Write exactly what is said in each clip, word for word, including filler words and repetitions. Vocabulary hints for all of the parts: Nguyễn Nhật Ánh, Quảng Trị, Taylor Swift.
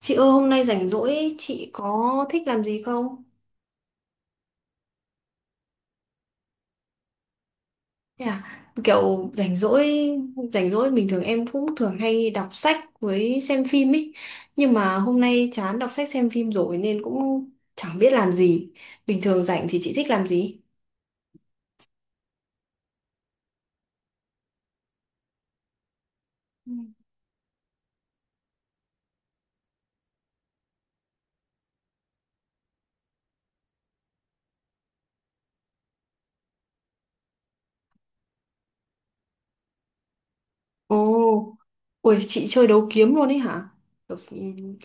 Chị ơi, hôm nay rảnh rỗi chị có thích làm gì không? Thế à, kiểu rảnh rỗi rảnh rỗi bình thường em cũng thường hay đọc sách với xem phim ấy, nhưng mà hôm nay chán đọc sách xem phim rồi nên cũng chẳng biết làm gì. Bình thường rảnh thì chị thích làm gì? Ừ. Ồ, ui chị chơi đấu kiếm luôn ấy hả? Kiểu,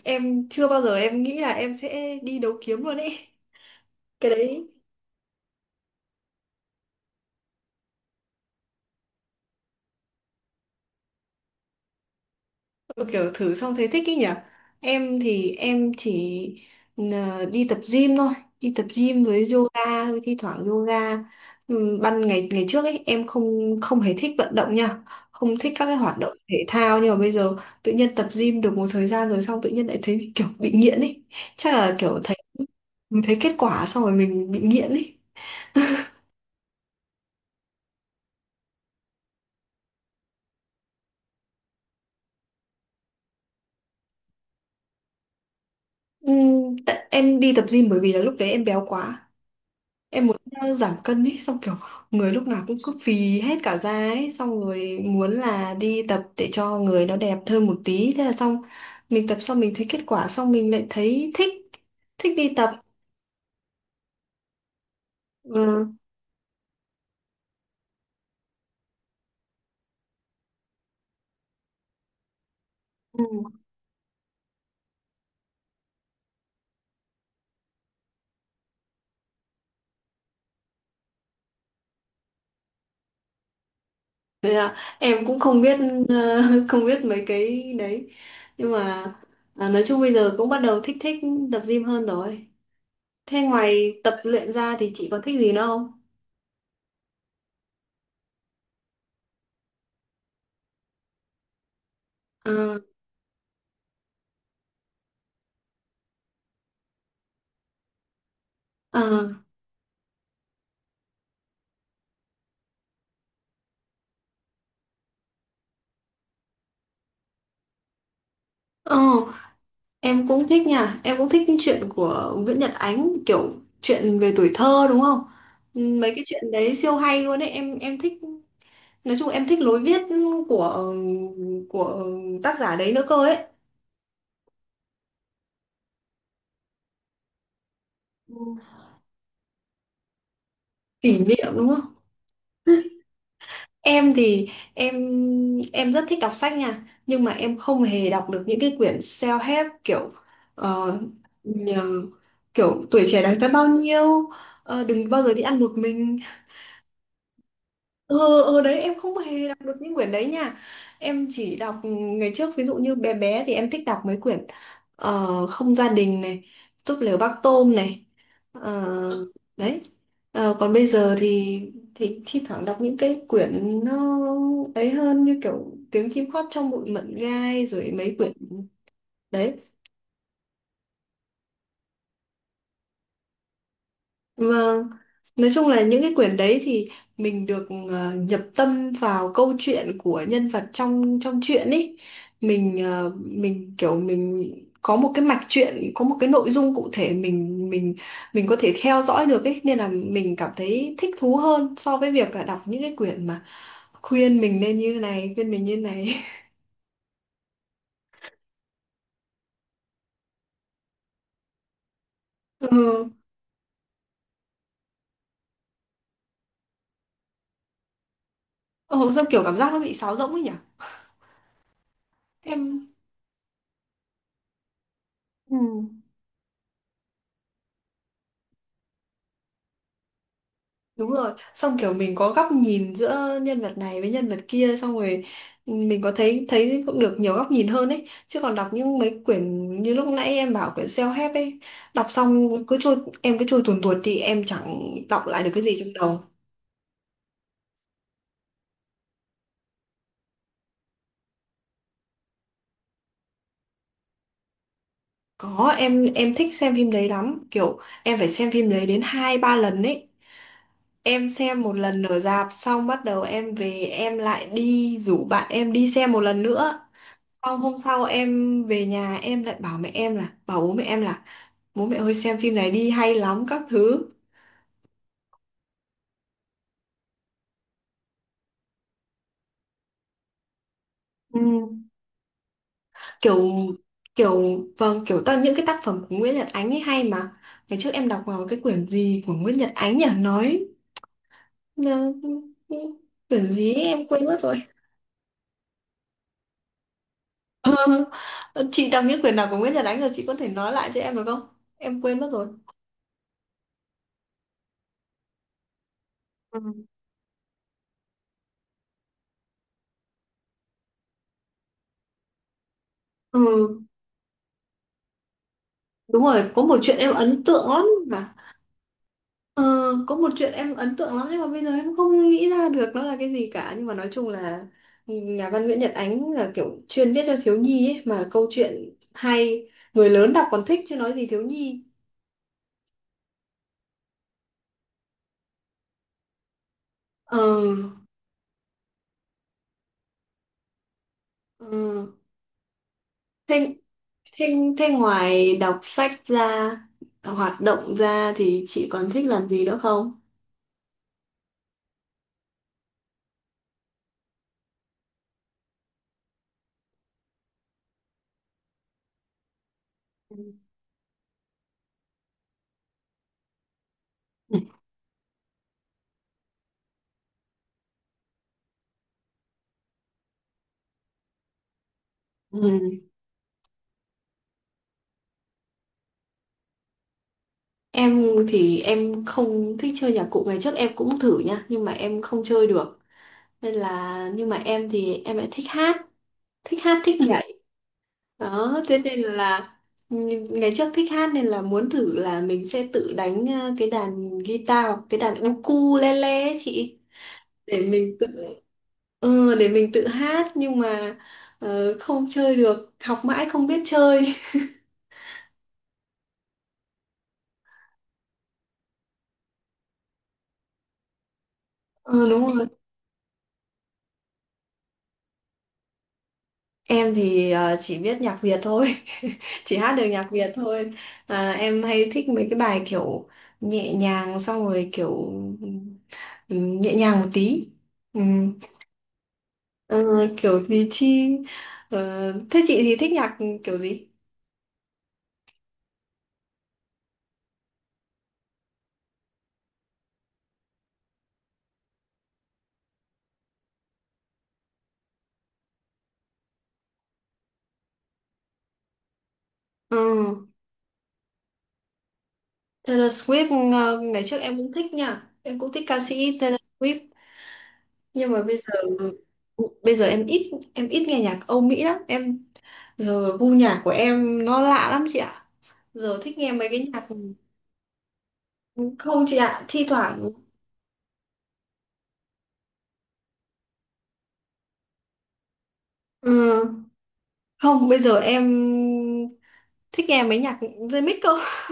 em chưa bao giờ em nghĩ là em sẽ đi đấu kiếm luôn ấy, cái đấy. Ừ, kiểu thử xong thấy thích ý nhỉ. Em thì em chỉ ờ, đi tập gym thôi, đi tập gym với yoga thôi, thi thoảng yoga. Ừ, ban ngày ngày trước ấy em không không hề thích vận động nha, không thích các cái hoạt động thể thao, nhưng mà bây giờ tự nhiên tập gym được một thời gian rồi, xong tự nhiên lại thấy kiểu bị nghiện ấy. Chắc là kiểu thấy mình thấy kết quả xong rồi mình bị nghiện ấy. Ừ, tại em đi tập gym bởi vì là lúc đấy em béo quá, em muốn ờ, giảm cân ấy, xong kiểu người lúc nào cũng cứ phì hết cả da ấy, xong rồi muốn là đi tập để cho người nó đẹp hơn một tí, thế là xong mình tập xong mình thấy kết quả xong mình lại thấy thích thích đi tập. Ừ. Ừ. Đấy là em cũng không biết, ờ, không biết mấy cái đấy, nhưng mà à, nói chung bây giờ cũng bắt đầu thích thích tập gym hơn rồi. Thế ngoài tập luyện ra thì chị có thích gì nữa không? ờ ờ ờ Em cũng thích nha, em cũng thích những chuyện của Nguyễn Nhật Ánh, kiểu chuyện về tuổi thơ đúng không? Ừ, mấy cái chuyện đấy siêu hay luôn đấy, em em thích. Nói chung em thích lối viết của của tác giả đấy nữa cơ ấy. Ừ. Kỷ niệm đúng không? Em thì em em rất thích đọc sách nha, nhưng mà em không hề đọc được những cái quyển self-help, kiểu ờ, nhờ, kiểu tuổi trẻ đáng giá bao nhiêu, ờ, đừng bao giờ đi ăn một mình, ờ ờ đấy em không hề đọc được những quyển đấy nha. Em chỉ đọc ngày trước, ví dụ như bé bé thì em thích đọc mấy quyển ờ, không gia đình này, túp lều bác tôm này. Ờ, đấy. Ờ, còn bây giờ thì thì thi thoảng đọc những cái quyển nó ấy hơn, như kiểu tiếng chim hót trong bụi mận gai rồi mấy quyển đấy. Vâng, nói chung là những cái quyển đấy thì mình được ờ, nhập tâm vào câu chuyện của nhân vật trong trong truyện ấy. Mình ờ, mình kiểu mình có một cái mạch truyện, có một cái nội dung cụ thể, mình mình mình có thể theo dõi được ấy, nên là mình cảm thấy thích thú hơn so với việc là đọc những cái quyển mà khuyên mình nên như này, khuyên mình như này. Ừ. Ồ, sao kiểu cảm giác nó bị sáo rỗng ấy nhỉ? Em Ừ. Đúng rồi, xong kiểu mình có góc nhìn giữa nhân vật này với nhân vật kia, xong rồi ừ, mình có thấy thấy cũng được nhiều góc nhìn hơn ấy, chứ còn đọc những mấy quyển như lúc nãy em bảo quyển self-help ấy, đọc xong cứ trôi, em cứ trôi tuồn tuột thì em chẳng đọc lại được cái gì trong đầu. Có, em em thích xem phim đấy lắm, kiểu em phải xem phim đấy đến hai ba lần ấy. Em xem một lần ở rạp, xong bắt đầu em về em lại đi rủ bạn em đi xem một lần nữa. Xong hôm sau em về nhà em lại bảo mẹ em là, bảo bố mẹ em là bố mẹ ơi xem phim này đi hay lắm các thứ. Ừ, kiểu kiểu vâng, kiểu tất những cái tác phẩm của Nguyễn Nhật Ánh ấy hay mà. Ngày trước em đọc vào cái quyển gì của Nguyễn Nhật Ánh nhỉ, nói ờ, quyển gì ấy, em quên mất rồi. Ờ, chị đọc những quyển nào của Nguyễn Nhật Ánh rồi chị có thể nói lại cho em được không, em quên mất rồi. Ừ. ừ đúng rồi, có một chuyện em ấn tượng lắm Ờ, có một chuyện em ấn tượng lắm, nhưng mà bây giờ em không nghĩ ra được nó là cái gì cả, nhưng mà nói chung là nhà văn Nguyễn Nhật Ánh là kiểu chuyên viết cho thiếu nhi ấy, mà câu chuyện hay, người lớn đọc còn thích chứ nói gì thiếu nhi. ờ ờ Thế, thế, thế ngoài đọc sách ra, hoạt động ra thì chị còn thích làm gì nữa không? Ừ. Ừ. Em thì em không thích chơi nhạc cụ, ngày trước em cũng thử nha, nhưng mà em không chơi được, nên là, nhưng mà em thì em lại thích hát thích hát thích Dạ. nhảy đó, thế nên là ừ, ngày trước thích hát nên là muốn thử là mình sẽ tự đánh ờ, cái đàn guitar hoặc cái đàn ukulele ấy chị, để mình tự ừ, để mình tự hát, nhưng mà ờ, không chơi được, học mãi không biết chơi. Ừ, đúng rồi. Em thì ờ, chỉ biết nhạc Việt thôi, chỉ hát được nhạc Việt thôi. À, em hay thích mấy cái bài kiểu nhẹ nhàng, xong rồi kiểu ừm, nhẹ nhàng một tí. Ừm, ờ, kiểu gì chi. Ờ, thế chị thì thích nhạc kiểu gì? Ừ. Taylor Swift ờ, ngày trước em cũng thích nha. Em cũng thích ca sĩ Taylor Swift, nhưng mà bây giờ bây giờ em ít em ít nghe nhạc Âu Mỹ lắm. Em giờ gu nhạc của em nó lạ lắm chị ạ. Giờ thích nghe mấy cái nhạc, không chị ạ, thi thoảng ừ. Không, bây giờ em thích nghe mấy nhạc dây mít cơ.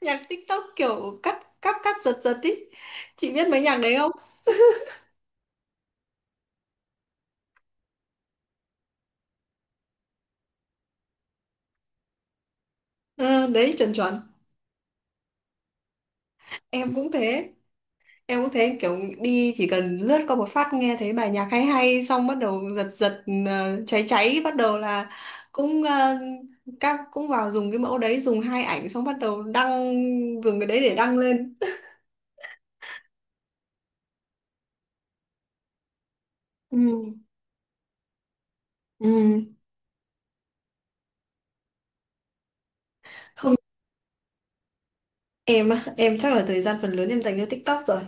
Nhạc TikTok kiểu cắt cắt cắt giật giật ý, chị biết mấy nhạc đấy không? Ừ, đấy chuẩn chuẩn. Em cũng thế em cũng thế kiểu đi chỉ cần lướt qua một phát nghe thấy bài nhạc hay hay, xong bắt đầu giật giật, ờ, cháy cháy bắt đầu là cũng, ờ, các cũng vào dùng cái mẫu đấy, dùng hai ảnh xong bắt đầu đăng, dùng cái đấy để đăng lên. Ừ. Ừ. Không. Em á, em chắc là thời gian phần lớn em dành cho TikTok rồi.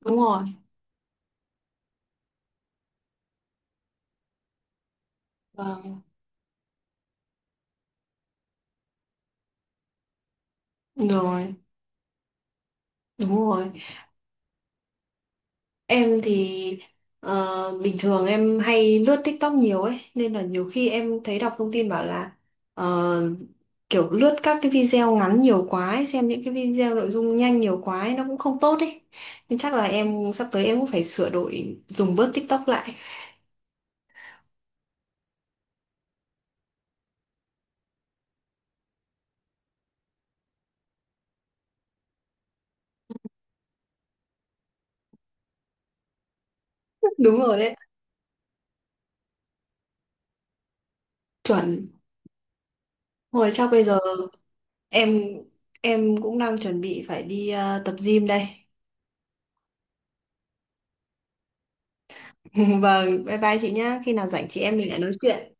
Đúng rồi. Vâng, rồi, đúng rồi. Em thì ờ, bình thường em hay lướt TikTok nhiều ấy, nên là nhiều khi em thấy đọc thông tin bảo là ờ, kiểu lướt các cái video ngắn nhiều quá ấy, xem những cái video nội dung nhanh nhiều quá ấy, nó cũng không tốt ấy. Nên chắc là em sắp tới em cũng phải sửa đổi dùng bớt TikTok lại. Đúng rồi đấy, chuẩn. Rồi chắc bây giờ em em cũng đang chuẩn bị phải đi ờ, tập gym đây. Vâng, bye bye chị nhá. Khi nào rảnh chị em mình lại nói chuyện.